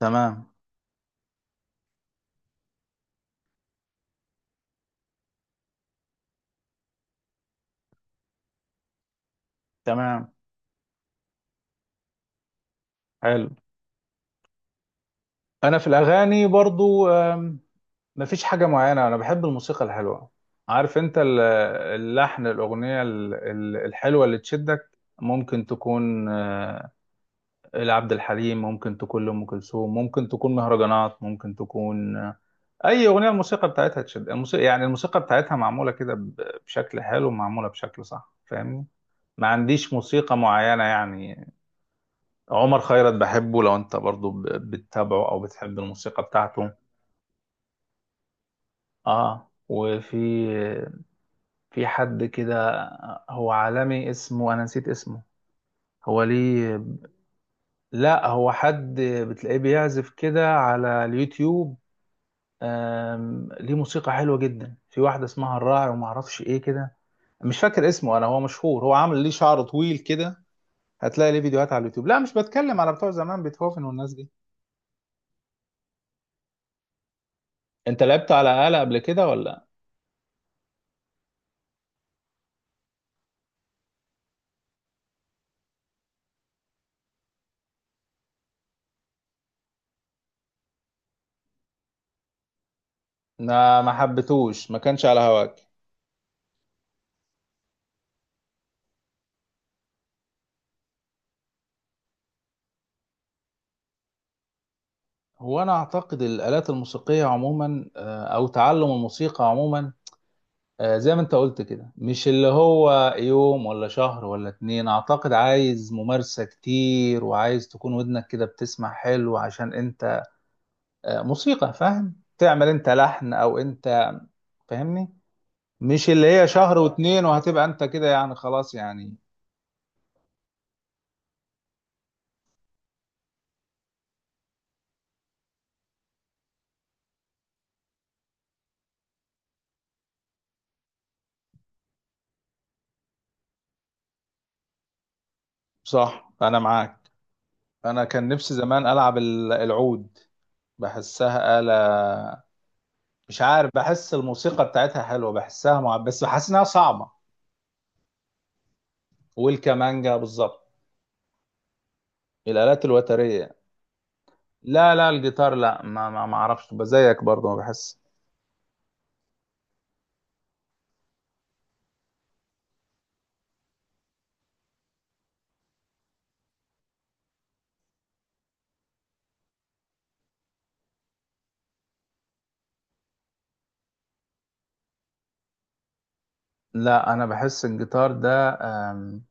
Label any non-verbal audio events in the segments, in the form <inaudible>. تمام. تمام. حلو. انا في الاغاني برضو، مفيش حاجه معينه. انا بحب الموسيقى الحلوه. عارف انت اللحن، الاغنيه الحلوه اللي تشدك، ممكن تكون لعبد الحليم، ممكن تكون لام كلثوم، ممكن تكون مهرجانات، ممكن تكون اي اغنيه الموسيقى بتاعتها تشد. الموسيقى، يعني الموسيقى بتاعتها معموله كده بشكل حلو، معموله بشكل صح، فاهمني؟ ما عنديش موسيقى معينه يعني. عمر خيرت بحبه، لو انت برضو بتتابعه او بتحب الموسيقى بتاعته. اه، وفي حد كده، هو عالمي، اسمه انا نسيت اسمه، هو ليه. لا، هو حد بتلاقيه بيعزف كده على اليوتيوب. ليه موسيقى حلوة جدا، في واحدة اسمها الراعي وما اعرفش ايه كده. مش فاكر اسمه انا، هو مشهور، هو عامل ليه شعر طويل كده. هتلاقي ليه فيديوهات على اليوتيوب. لا، مش بتكلم على بتوع زمان بيتهوفن والناس دي. انت لعبت على آلة قبل كده ولا؟ ما حبيتوش، ما كانش على هواك؟ هو انا اعتقد الالات الموسيقيه عموما، او تعلم الموسيقى عموما، زي ما انت قلت كده، مش اللي هو يوم ولا شهر ولا اتنين، اعتقد عايز ممارسه كتير، وعايز تكون ودنك كده بتسمع حلو عشان انت موسيقى، فاهم، تعمل انت لحن او انت، فاهمني؟ مش اللي هي شهر واتنين وهتبقى انت كده يعني خلاص يعني. صح، انا معاك. انا كان نفسي زمان العب العود، بحسها آلة، مش عارف، بحس الموسيقى بتاعتها حلوة، بحسها بس بحس إنها صعبة. والكمانجا بالظبط، الآلات الوترية. لا، لا، الجيتار، لا، ما أعرفش بزيك برضه، ما بحس. لا، أنا بحس الجيتار ده، أم،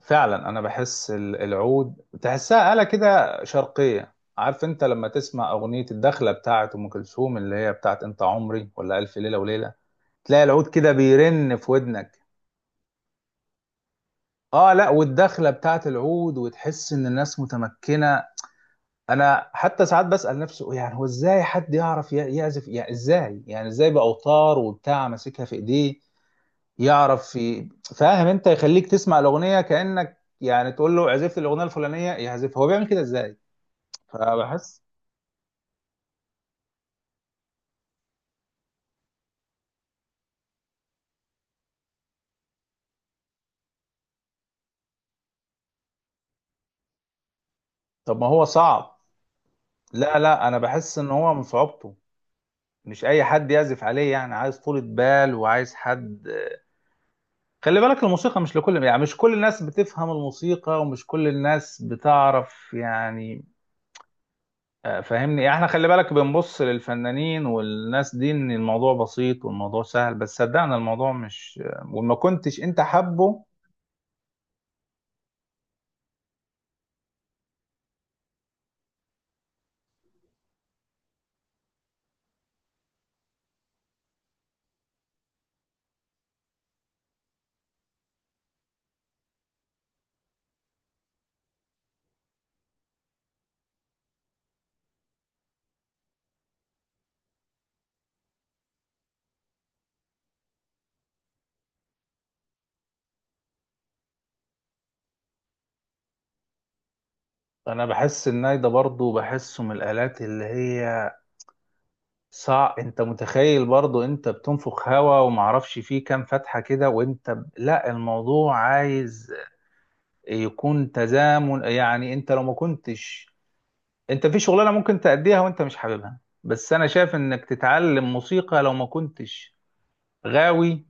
فعلا أنا بحس العود، تحسها آلة كده شرقية. عارف أنت لما تسمع أغنية الدخلة بتاعت أم كلثوم، اللي هي بتاعت أنت عمري ولا ألف ليلة وليلة، تلاقي العود كده بيرن في ودنك. اه، لا، والدخله بتاعت العود، وتحس ان الناس متمكنه. انا حتى ساعات بسال نفسي، يعني هو ازاي حد يعرف يعزف، يعني ازاي، يعني ازاي باوتار وبتاع، ماسكها في ايديه يعرف في، فاهم انت، يخليك تسمع الاغنيه كانك، يعني تقول له عزفت الاغنيه الفلانيه يعزفها، هو بيعمل كده ازاي؟ فبحس. طب ما هو صعب. لا، لا، انا بحس ان هو من صعوبته مش اي حد يعزف عليه يعني، عايز طولة بال وعايز حد. خلي بالك الموسيقى مش لكل، يعني مش كل الناس بتفهم الموسيقى، ومش كل الناس بتعرف يعني. فاهمني، يعني احنا خلي بالك بنبص للفنانين والناس دي ان الموضوع بسيط والموضوع سهل، بس صدقنا الموضوع مش، وما كنتش انت حبه. انا بحس الناي ده برضه، بحسه من الالات اللي هي صعب. انت متخيل برضه انت بتنفخ هوا، ومعرفش فيه كام فتحة كده وانت لا، الموضوع عايز يكون تزامن. يعني انت لو ما كنتش، انت في شغلانه ممكن تأديها وانت مش حاببها، بس انا شايف انك تتعلم موسيقى، لو ما كنتش غاوي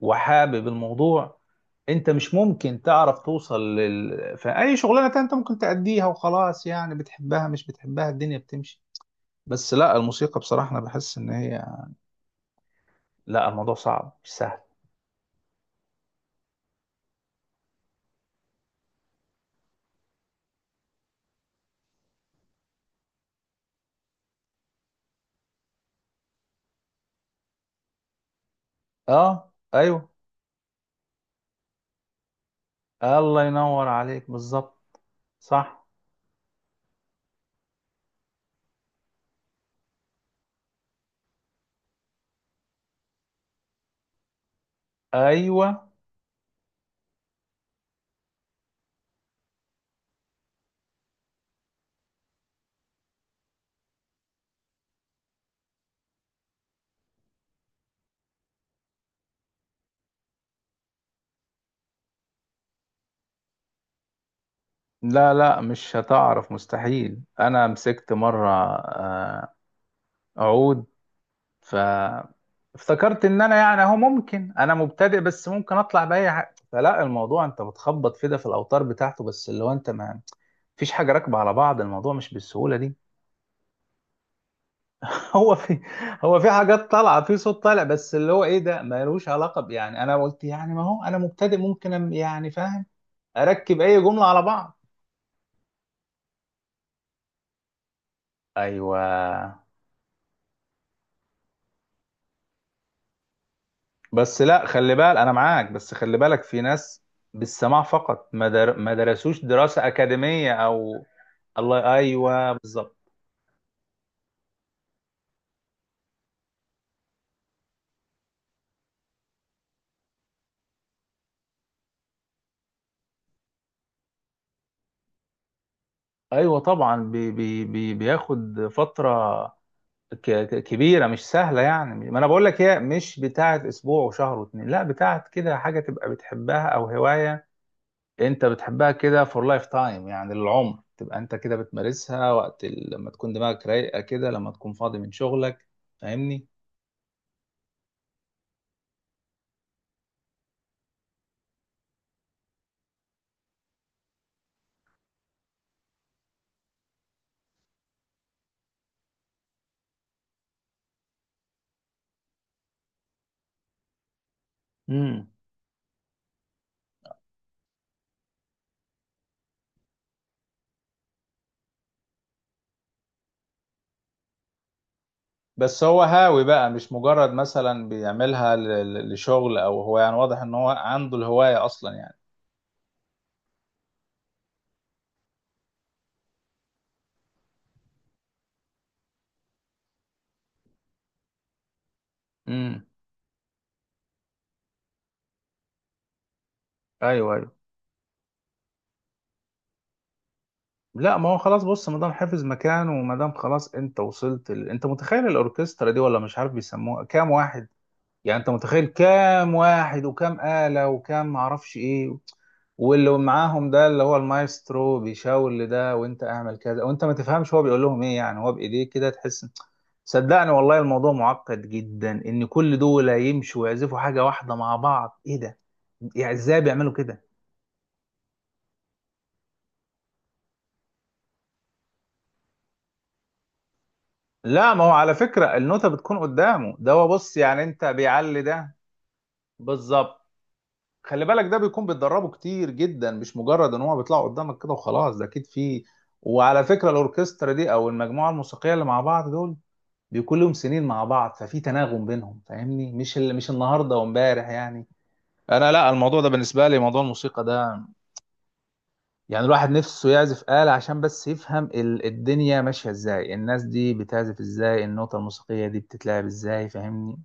وحابب الموضوع، انت مش ممكن تعرف توصل في اي شغلانه تانية انت ممكن تأديها وخلاص يعني، بتحبها مش بتحبها الدنيا بتمشي، بس لا، الموسيقى بصراحه انا بحس ان هي، لا، الموضوع صعب مش سهل. اه، ايوه. الله ينور عليك بالظبط. صح. ايوه. لا، لا، مش هتعرف، مستحيل. انا مسكت مره عود، ف افتكرت ان انا يعني اهو، ممكن انا مبتدئ بس ممكن اطلع باي حاجه، فلا، الموضوع انت بتخبط كده في الاوتار بتاعته، بس اللي هو انت ما فيش حاجه راكبه على بعض، الموضوع مش بالسهوله دي. <laughs> هو في هو في حاجات طالعه، في صوت طالع، بس اللي هو ايه ده، ملوش علاقه يعني انا قلت يعني ما هو انا مبتدئ، ممكن يعني فاهم، اركب اي جمله على بعض. ايوه. بس لا، خلي بالك انا معاك، بس خلي بالك في ناس بالسماع فقط، ما درسوش دراسة أكاديمية او. الله، ايوه، بالظبط. ايوه طبعا، بياخد فترة كبيرة، مش سهلة، يعني ما انا بقول لك هي مش بتاعت اسبوع وشهر واتنين، لا، بتاعت كده، حاجة تبقى بتحبها او هواية، انت بتحبها كده for life time، يعني للعمر، تبقى انت كده بتمارسها لما تكون دماغك رايقة كده، لما تكون فاضي من شغلك، فاهمني؟ مم. بس هو هاوي بقى، مش مجرد مثلا بيعملها لشغل، او هو، يعني واضح ان هو عنده الهواية اصلا يعني. امم. ايوه، ايوه. لا، ما هو خلاص، بص، ما دام حافظ مكانه وما دام خلاص انت وصلت انت متخيل الاوركسترا دي، ولا مش عارف بيسموها كام واحد. يعني انت متخيل كام واحد، وكام آلة، وكام معرفش ايه، واللي معاهم ده اللي هو المايسترو، بيشاور لده وانت اعمل كذا، وانت ما تفهمش هو بيقول لهم ايه يعني، هو بايديه كده تحس. صدقني والله الموضوع معقد جدا، ان كل دول يمشوا ويعزفوا حاجه واحده مع بعض، ايه ده، يعني ازاي بيعملوا كده. لا، ما هو على فكره النوتة بتكون قدامه، ده هو بص، يعني انت بيعلي ده بالظبط. خلي بالك ده بيكون بيتدربوا كتير جدا، مش مجرد ان هو بيطلعوا قدامك كده وخلاص، ده اكيد فيه. وعلى فكره الاوركسترا دي، او المجموعه الموسيقيه اللي مع بعض دول، بيكون لهم سنين مع بعض، ففي تناغم بينهم، فاهمني؟ مش النهارده وامبارح يعني. انا، لا، الموضوع ده بالنسبه لي، موضوع الموسيقى ده، يعني الواحد نفسه يعزف آلة عشان بس يفهم الدنيا ماشية ازاي، الناس دي بتعزف ازاي، النوتة الموسيقية دي بتتلعب ازاي، فاهمني؟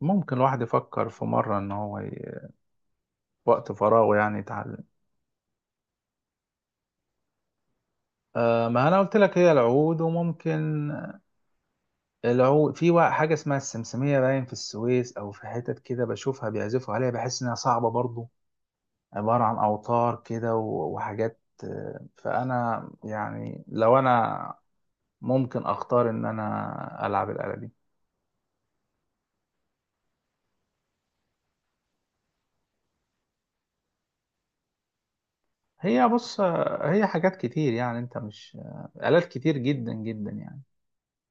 ممكن الواحد يفكر في مرة ان هو وقت فراغه يعني يتعلم. آه، ما انا قلت لك هي العود، وممكن العود، في حاجة اسمها السمسمية، باين في السويس او في حتت كده بشوفها بيعزفوا عليها، بحس انها صعبة برضو، عبارة عن اوتار كده وحاجات، فانا يعني لو انا ممكن اختار ان انا العب الآلة دي. هي بص، هي حاجات كتير، يعني انت مش، آلات كتير جدا جدا يعني.